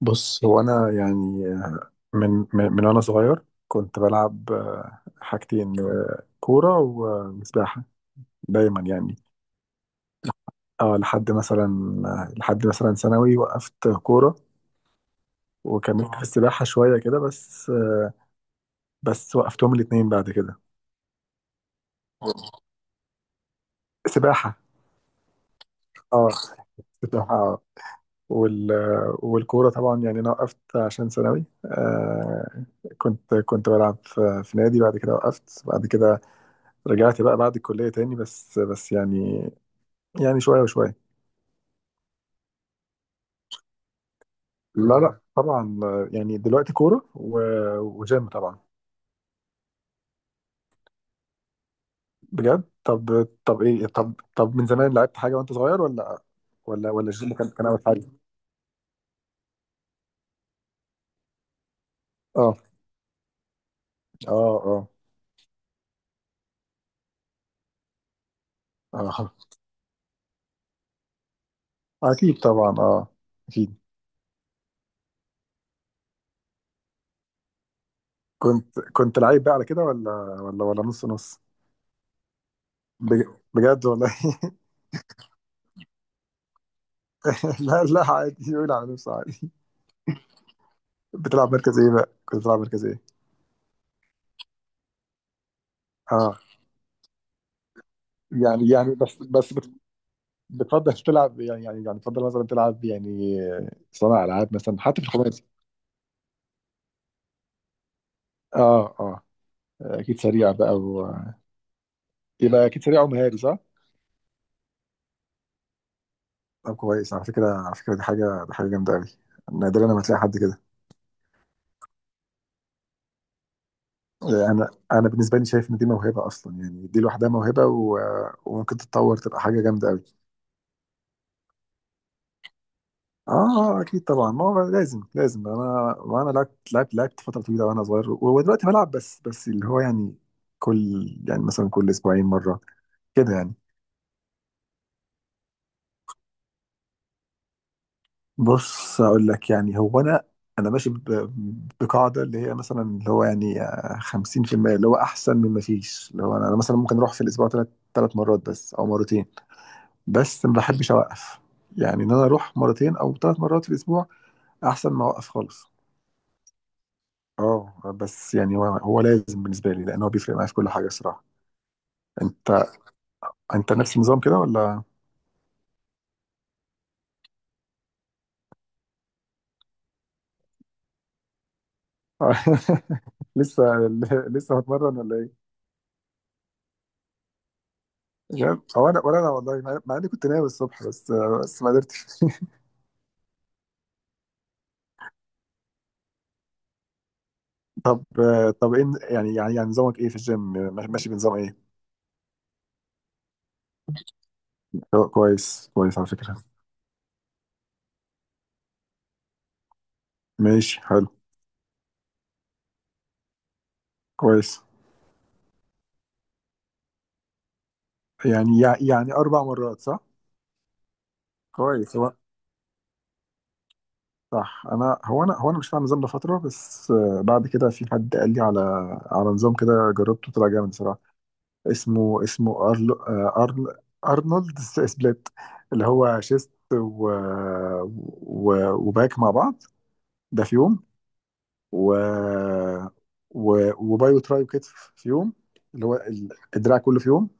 بص هو انا يعني من وانا صغير كنت بلعب حاجتين كوره وسباحه دايما يعني. اه لحد مثلا، لحد مثلا ثانوي وقفت كوره، وكملت في السباحه شويه كده بس. بس وقفتهم الاثنين بعد كده. سباحه، اه، سباحه، اه، والكوره طبعا يعني انا وقفت عشان ثانوي. كنت بلعب في نادي بعد كده، وقفت بعد كده. رجعت بقى بعد الكلية تاني، بس يعني شوية وشوية. لا لا طبعا، يعني دلوقتي كورة وجيم طبعا. بجد؟ طب طب ايه، طب طب، من زمان لعبت حاجة وانت صغير ولا ولا الجيم كان أول حاجة؟ اه اه اه اه. اكيد طبعا، اه اكيد. كنت لعيب بقى على كده، ولا ولا نص نص؟ بج- بجد والله. لا لا، عادي يقول على نفسه، عادي. بتلعب مركز ايه بقى، كنت بتلعب مركز ايه؟ اه يعني، يعني بس بس بتفضل تلعب يعني، بتفضل مثلا تلعب يعني صانع العاب مثلا حتى في الخماسي؟ اه اه. اكيد سريع بقى و... يبقى اكيد سريع ومهاري، صح؟ طب كويس، على فكره، دي حاجه، جامده قوي، نادرا لما تلاقي حد كده. انا بالنسبه لي شايف ان دي موهبه اصلا، يعني دي لوحدها موهبه، و... وممكن تتطور تبقى حاجه جامده قوي. اه اكيد طبعا، ما هو لازم. انا، وانا لعبت فتره طويله وانا صغير، ودلوقتي بلعب بس، اللي هو يعني كل، يعني مثلا كل اسبوعين مره كده يعني. بص، اقول لك، يعني هو انا، ماشي بقاعده اللي هي مثلا اللي هو يعني 50% اللي هو احسن من ما فيش. اللي هو انا، مثلا ممكن اروح في الاسبوع ثلاث، مرات بس، او مرتين. بس ما بحبش اوقف. يعني ان انا اروح مرتين او ثلاث مرات في الاسبوع احسن ما اوقف خالص. اه بس يعني هو، لازم بالنسبه لي، لان هو بيفرق معايا في كل حاجه الصراحه. انت، نفس النظام كده ولا؟ لسه، هتمرن ولا إيه؟ مش عارف هو انا، ولا انا والله، مع، اني كنت ناوي الصبح بس، ما قدرتش. طب طب ايه، يعني نظامك ايه في الجيم، ماشي بنظام ايه؟ كويس كويس على فكرة. ماشي حلو. كويس. يعني يعني اربع مرات، صح؟ كويس. هو صح، انا هو انا مش فاهم النظام ده فترة، بس بعد كده في حد قال لي على، نظام كده جربته، طلع جامد صراحة. اسمه، أرل، أرل ارنولد سبليت. اللي هو شيست و... وباك مع بعض ده في يوم. و... وبايو ترايو كتف في يوم. اللي هو الدراع كله في يوم.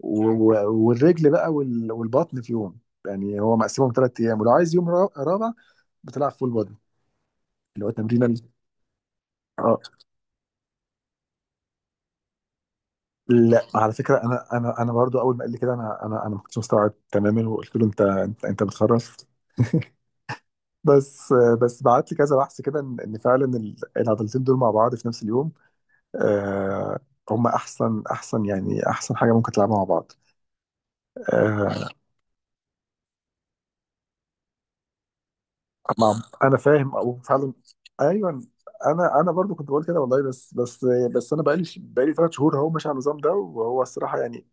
و... والرجل بقى، وال... والبطن في يوم. يعني هو مقسمهم ثلاث ايام، ولو عايز يوم رابع بتلعب فول بودي. اللي هو تمرين ال... اه لا، على فكره انا، برضو اول ما قال لي كده انا، ما كنتش مستوعب تماما، وقلت له انت، انت بتخرف. بس، بعت لي كذا بحث كده ان إن فعلا العضلتين دول مع بعض في نفس اليوم آه، هم احسن. يعني احسن حاجه ممكن تلعبها مع بعض. آه، مع انا فاهم وفعلا. ايوه، انا، برضو كنت بقول كده والله، بس انا بقالي ثلاث شهور اهو ماشي على النظام ده، وهو الصراحه يعني،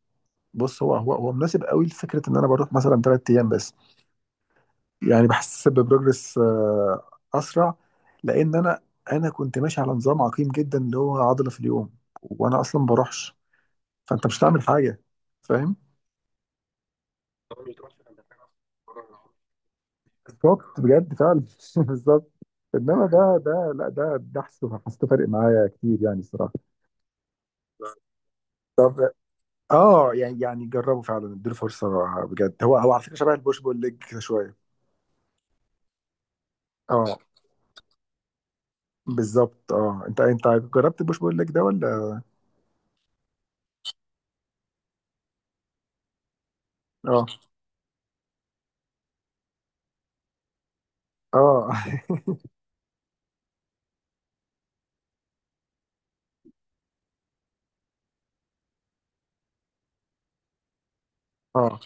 بص هو، مناسب قوي لفكره ان انا بروح مثلا ثلاث ايام بس. يعني بحس ببروجرس آه، اسرع. لان انا، كنت ماشي على نظام عقيم جدا اللي هو عضله في اليوم، وانا اصلا ما بروحش، فانت مش هتعمل حاجه، فاهم؟ بالظبط، بجد، فعلا. بالظبط. انما ده، لا، ده، حسيته فارق معايا كتير يعني الصراحه. طب اه، يعني، جربوا فعلا، اديله فرصه بجد. هو على فكره شبه البوش بول ليج كده شويه. اه بالظبط. اه انت، جربت البوش بول ليج ده ولا؟ اه. اه. اه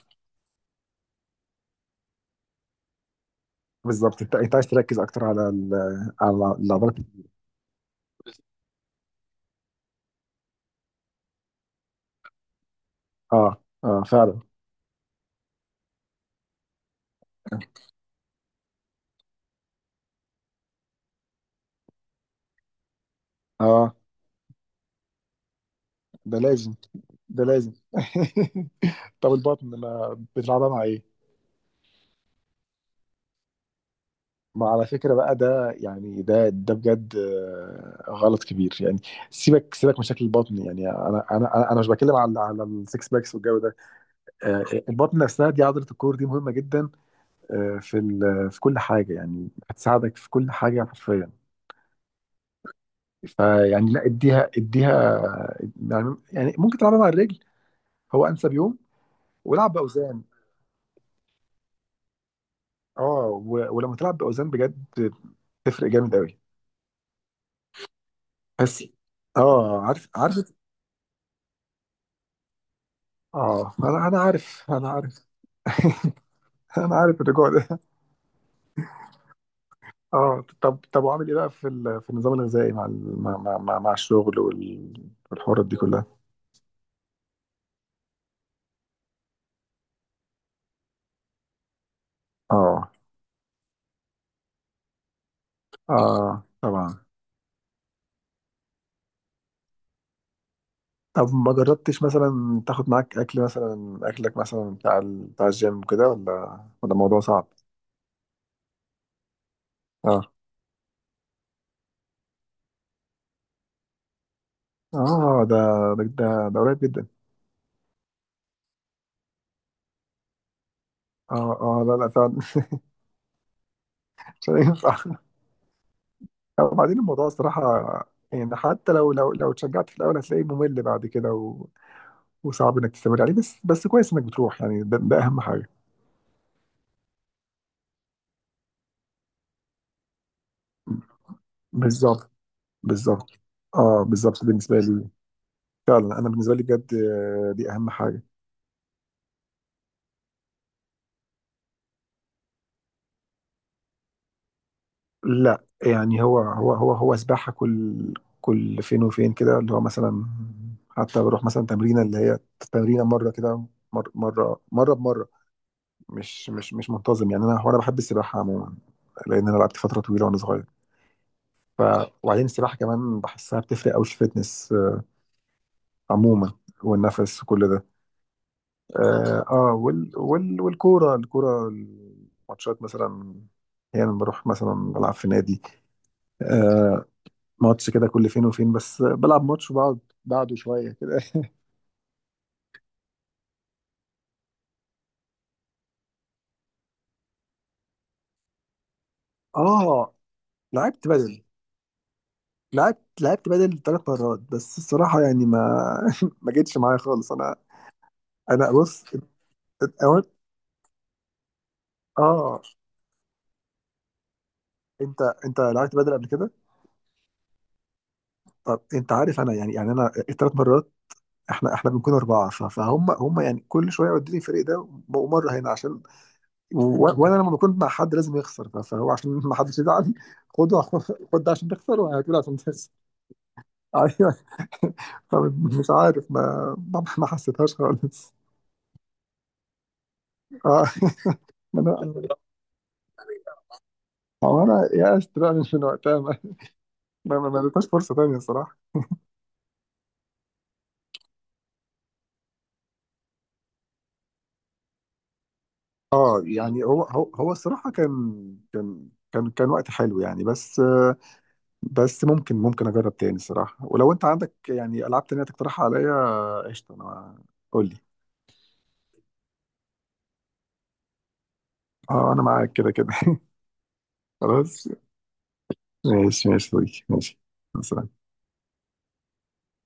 بالظبط. انت، عايز تركز اكتر على ال، على العضلات. اه. اه فعلا. اه ده لازم، ده لازم. طب البطن ما بتلعبها مع ايه؟ ما على فكرة بقى ده، يعني ده، بجد غلط كبير يعني. سيبك سيبك من شكل البطن، يعني انا، انا، انا أنا مش بتكلم على، السكس باكس والجو ده. آه، البطن نفسها دي عضلة الكور، دي مهمة جدا في في كل حاجة، يعني هتساعدك في كل حاجة حرفيا. فيعني لا، اديها اديها، يعني ممكن تلعبها مع الرجل، هو انسب يوم، والعب باوزان. اه، ولما تلعب باوزان بجد تفرق جامد قوي. بس اه، عارف عارف. اه انا، عارف. انا عارف انا عارف الرجوع ده. اه طب طب، وعامل ايه بقى في في النظام الغذائي مع مع مع الشغل والحوارات دي كلها؟ اه اه طبعا. طب ما جربتش مثلا تاخد معاك اكل مثلا، اكلك مثلا بتاع بتاع الجيم كده، ولا الموضوع صعب؟ اه اه، ده، ده قريب جدا. اه اه لا لا فعلا. مش هينفع. وبعدين الموضوع الصراحة، يعني حتى لو اتشجعت في الاول هتلاقيه ممل بعد كده، وصعب انك تستمر عليه. بس كويس انك بتروح، يعني ده، اهم حاجه. بالظبط بالظبط، اه بالظبط بالنسبه لي. فعلا انا بالنسبه لي بجد دي اهم حاجه. لا يعني هو، سباحه كل، فين وفين كده، اللي هو مثلا حتى بروح مثلا تمرينه، اللي هي تمرينه مره كده، مره بمره، مش منتظم. يعني انا هو، بحب السباحه عموما، لان انا لعبت فتره طويله وانا صغير. ف، وبعدين السباحه كمان بحسها بتفرق قوي في الفتنس عموما، والنفس وكل ده. اه وال والكوره، الماتشات مثلا احيانا بروح مثلا بلعب في نادي آه ماتش كده كل فين وفين، بس بلعب ماتش وبقعد بعده شويه كده. اه لعبت بدل، ثلاث مرات بس الصراحه، يعني ما، ما جتش معايا خالص. انا، بص أوقات- اه. انت، لعبت بدل قبل كده؟ طب انت عارف انا، يعني انا الثلاث مرات، احنا، بنكون اربعه، فهم، يعني كل شويه يودوني الفريق ده ومره هنا، عشان وانا لما بكون مع حد لازم يخسر، فهو عشان ما حدش يزعل، خده عشان- خد ده عشان تخسر، وهاتوله عشان تخسر. ايوه. فمش عارف، ما ما، حسيتهاش خالص. اه. ما انا، هو انا يأست بقى من، وقتها، ما ما اديتهاش فرصه تانيه الصراحه. اه يعني هو، الصراحه كان، وقت حلو يعني، بس بس ممكن، اجرب تاني الصراحه. ولو انت عندك يعني العاب تانيه تقترحها عليا قشطه، انا قول لي. اه انا معاك كده كده. خلاص. ماشي ماشي يا صديقي، ماشي، خلاص.